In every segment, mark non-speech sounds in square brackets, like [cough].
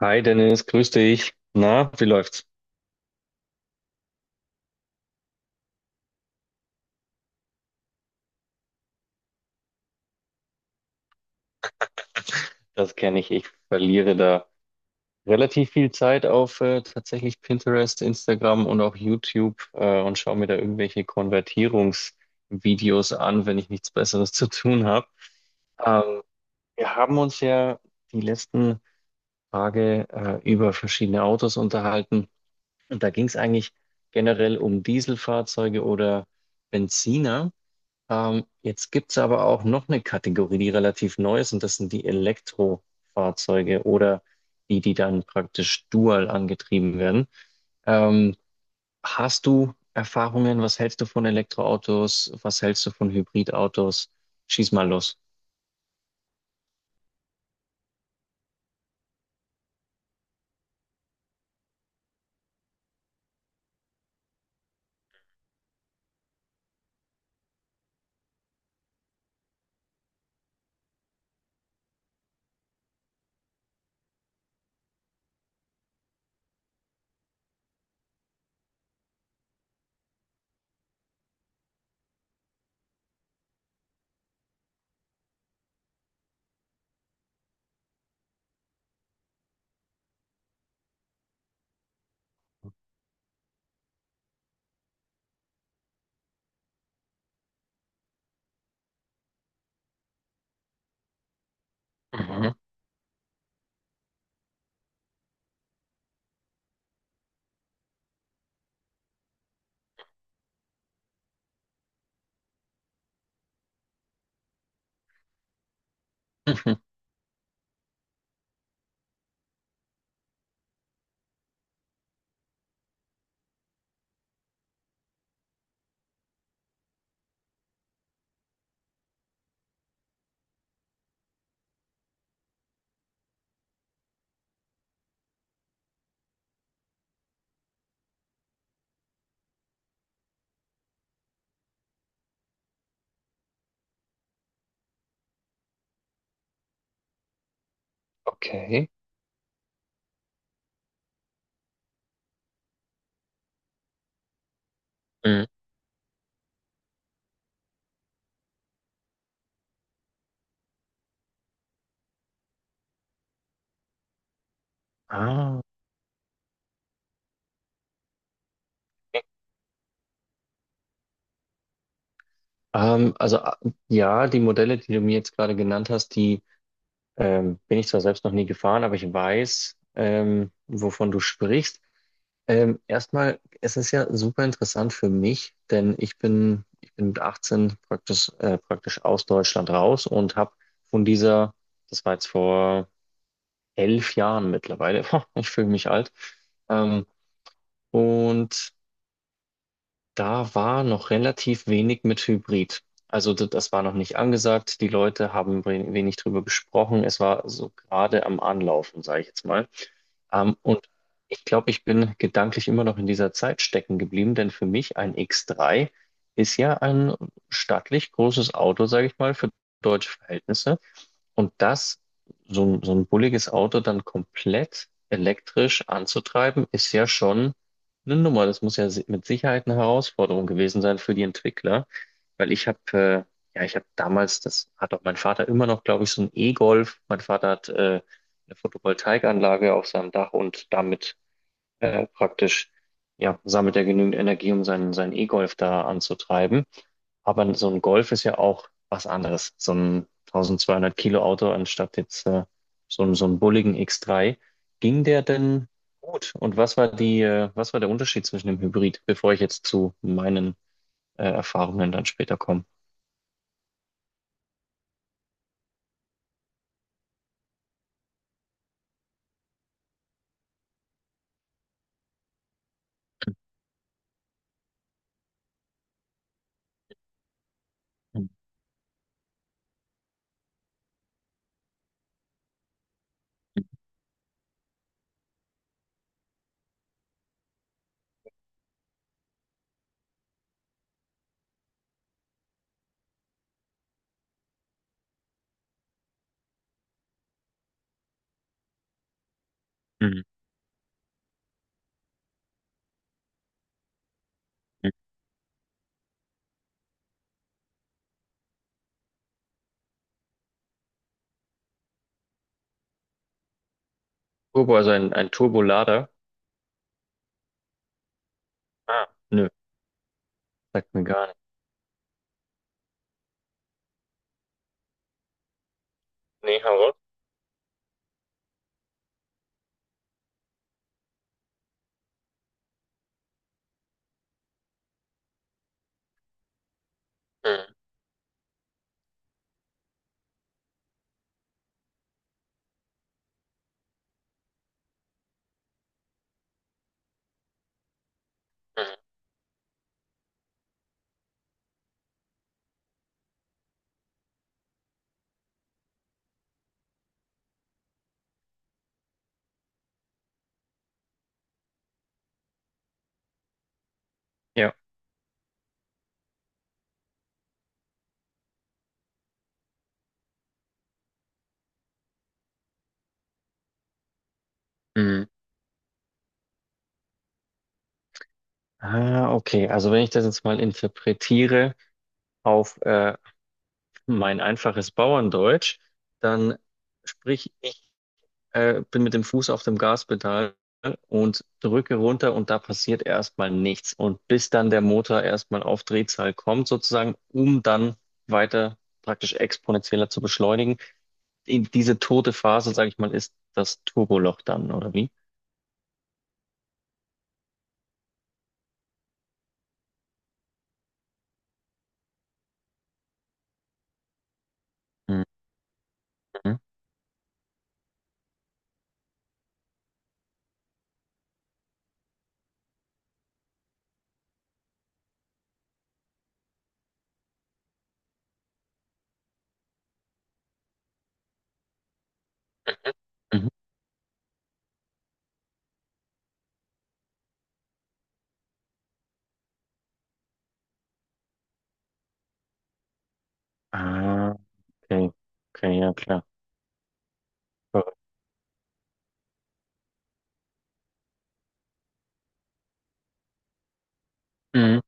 Hi Dennis, grüß dich. Na, wie läuft's? Das kenne ich. Ich verliere da relativ viel Zeit auf tatsächlich Pinterest, Instagram und auch YouTube und schaue mir da irgendwelche Konvertierungsvideos an, wenn ich nichts Besseres [laughs] zu tun habe. Ähm, Wir haben uns ja die letzten Tage über verschiedene Autos unterhalten, und da ging es eigentlich generell um Dieselfahrzeuge oder Benziner. Jetzt gibt es aber auch noch eine Kategorie, die relativ neu ist, und das sind die Elektrofahrzeuge oder die, die dann praktisch dual angetrieben werden. Ähm, Hast du Erfahrungen? Was hältst du von Elektroautos? Was hältst du von Hybridautos? Schieß mal los. Mhm. [laughs] Mhm. Okay. Mhm. Ah, ähm, also a- ja, die Modelle, die du mir jetzt gerade genannt hast, die bin ich zwar selbst noch nie gefahren, aber ich weiß, wovon du sprichst. Erstmal, es ist ja super interessant für mich, denn ich bin mit 18 praktisch, praktisch aus Deutschland raus und habe von das war jetzt vor elf Jahren mittlerweile, [laughs] ich fühle mich alt, ähm, und da war noch relativ wenig mit Hybrid. Also das war noch nicht angesagt. Die Leute haben wenig drüber gesprochen. Es war so gerade am Anlaufen, sage ich jetzt mal. Ähm, und Ich glaube, ich bin gedanklich immer noch in dieser Zeit stecken geblieben, denn für mich ein X3 ist ja ein stattlich großes Auto, sage ich mal, für deutsche Verhältnisse. Und das, so ein bulliges Auto dann komplett elektrisch anzutreiben, ist ja schon eine Nummer. Das muss ja mit Sicherheit eine Herausforderung gewesen sein für die Entwickler, weil ich habe damals, das hat auch mein Vater immer noch, glaube ich, so ein E-Golf. Mein Vater hat eine Photovoltaikanlage auf seinem Dach, und damit äh, praktisch, ja, sammelt er genügend Energie, um seinen E-Golf da anzutreiben. Aber so ein Golf ist ja auch was anderes. So ein 1.200 Kilo Auto anstatt jetzt so einen bulligen X3. Ging der denn gut? Und was war was war der Unterschied zwischen dem Hybrid, bevor ich jetzt zu meinen Erfahrungen dann später komme? Mhm. Mhm. Turbo, also ein Turbolader? Ah, nö, sagt mir gar nicht. Nee, hau raus. Mhm. Mhm. Ja. Ah, okay. Also wenn ich das jetzt mal interpretiere auf mein einfaches Bauerndeutsch, dann sprich, ich bin mit dem Fuß auf dem Gaspedal und drücke runter, und da passiert erstmal nichts. Und bis dann der Motor erstmal auf Drehzahl kommt, sozusagen, um dann weiter praktisch exponentieller zu beschleunigen. In diese tote Phase, sage ich mal, ist das Turboloch dann, oder wie? Mhm. Mhm. Ah, okay. Okay, ja klar. Mhm.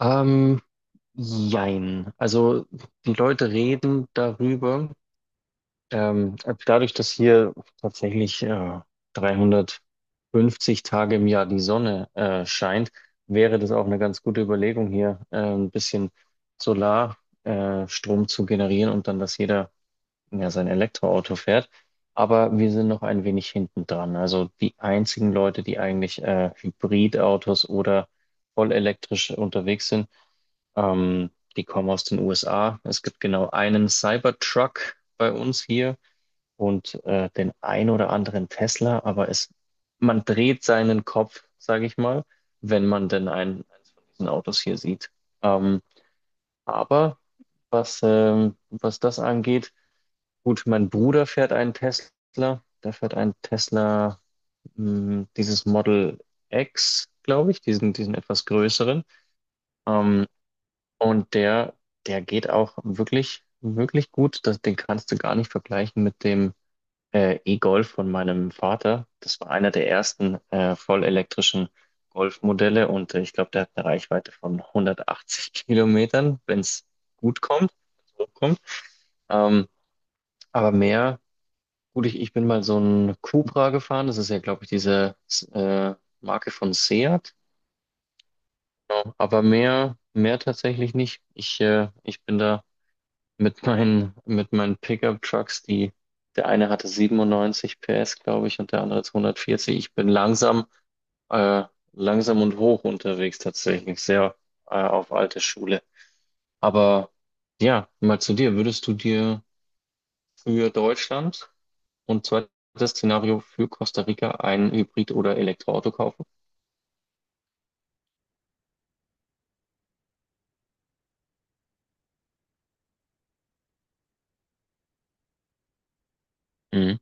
Ähm, Jein. Also die Leute reden darüber. Ähm, Dadurch, dass hier tatsächlich 350 Tage im Jahr die Sonne scheint, wäre das auch eine ganz gute Überlegung, hier ein bisschen Solarstrom Strom zu generieren, und dann, dass jeder ja sein Elektroauto fährt. Aber wir sind noch ein wenig hinten dran. Also die einzigen Leute, die eigentlich Hybridautos oder voll elektrisch unterwegs sind, ähm, die kommen aus den USA. Es gibt genau einen Cybertruck bei uns hier, und den ein oder anderen Tesla, aber man dreht seinen Kopf, sage ich mal, wenn man denn eins von diesen Autos hier sieht. Ähm, aber was das angeht, gut, mein Bruder fährt einen Tesla, der fährt einen Tesla, dieses Model X, glaube ich, diesen etwas größeren. Ähm, und der, Der geht auch wirklich, wirklich gut. Den kannst du gar nicht vergleichen mit dem E-Golf von meinem Vater. Das war einer der ersten vollelektrischen Golfmodelle, und ich glaube, der hat eine Reichweite von 180 Kilometern, wenn es gut kommt, wenn's hochkommt. Ähm, aber mehr, gut, ich bin mal so ein Cupra gefahren. Das ist ja, glaube ich, diese äh, Marke von Seat. Genau. Aber mehr, mehr tatsächlich nicht. Ich bin da mit mit meinen Pickup-Trucks, die, der eine hatte 97 PS, glaube ich, und der andere 240. Ich bin langsam, äh, langsam und hoch unterwegs tatsächlich, sehr, auf alte Schule. Aber ja, mal zu dir. Würdest du dir für Deutschland und zweites Szenario für Costa Rica ein Hybrid- oder Elektroauto kaufen? Mhm.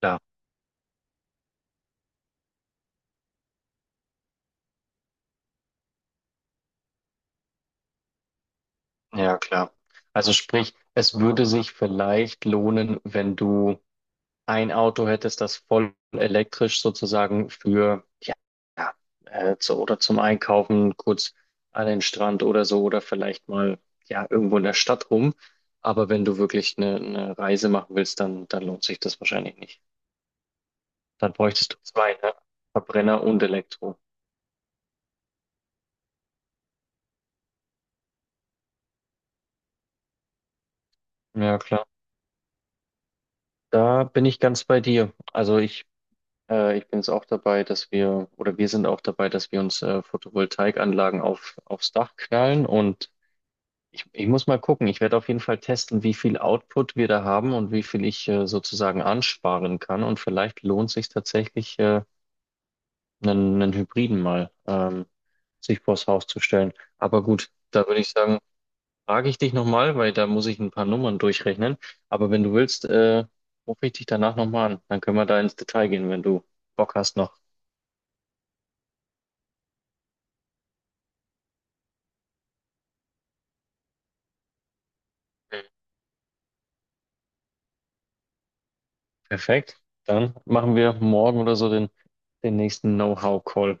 Klar, ja klar. Also sprich, es würde sich vielleicht lohnen, wenn du ein Auto hättest, das voll elektrisch sozusagen für, ja, oder zum Einkaufen, kurz an den Strand oder so, oder vielleicht mal, ja, irgendwo in der Stadt rum. Aber wenn du wirklich eine Reise machen willst, dann lohnt sich das wahrscheinlich nicht. Dann bräuchtest du zwei, ne? Verbrenner und Elektro. Ja, klar. Da bin ich ganz bei dir. Ich bin jetzt auch dabei, dass wir, oder wir sind auch dabei, dass wir uns Photovoltaikanlagen auf, aufs Dach knallen und ich muss mal gucken. Ich werde auf jeden Fall testen, wie viel Output wir da haben und wie viel ich sozusagen ansparen kann. Und vielleicht lohnt sich tatsächlich, einen Hybriden mal sich vors Haus zu stellen. Aber gut, da würde ich sagen, frage ich dich nochmal, weil da muss ich ein paar Nummern durchrechnen. Aber wenn du willst, rufe ich dich danach nochmal an. Dann können wir da ins Detail gehen, wenn du Bock hast noch. Perfekt. Dann machen wir morgen oder so den nächsten Know-how-Call.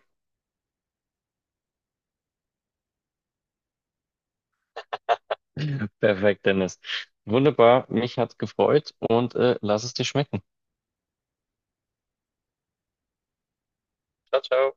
Perfekt, Dennis. Wunderbar, mich hat's gefreut und lass es dir schmecken. Ciao, ciao.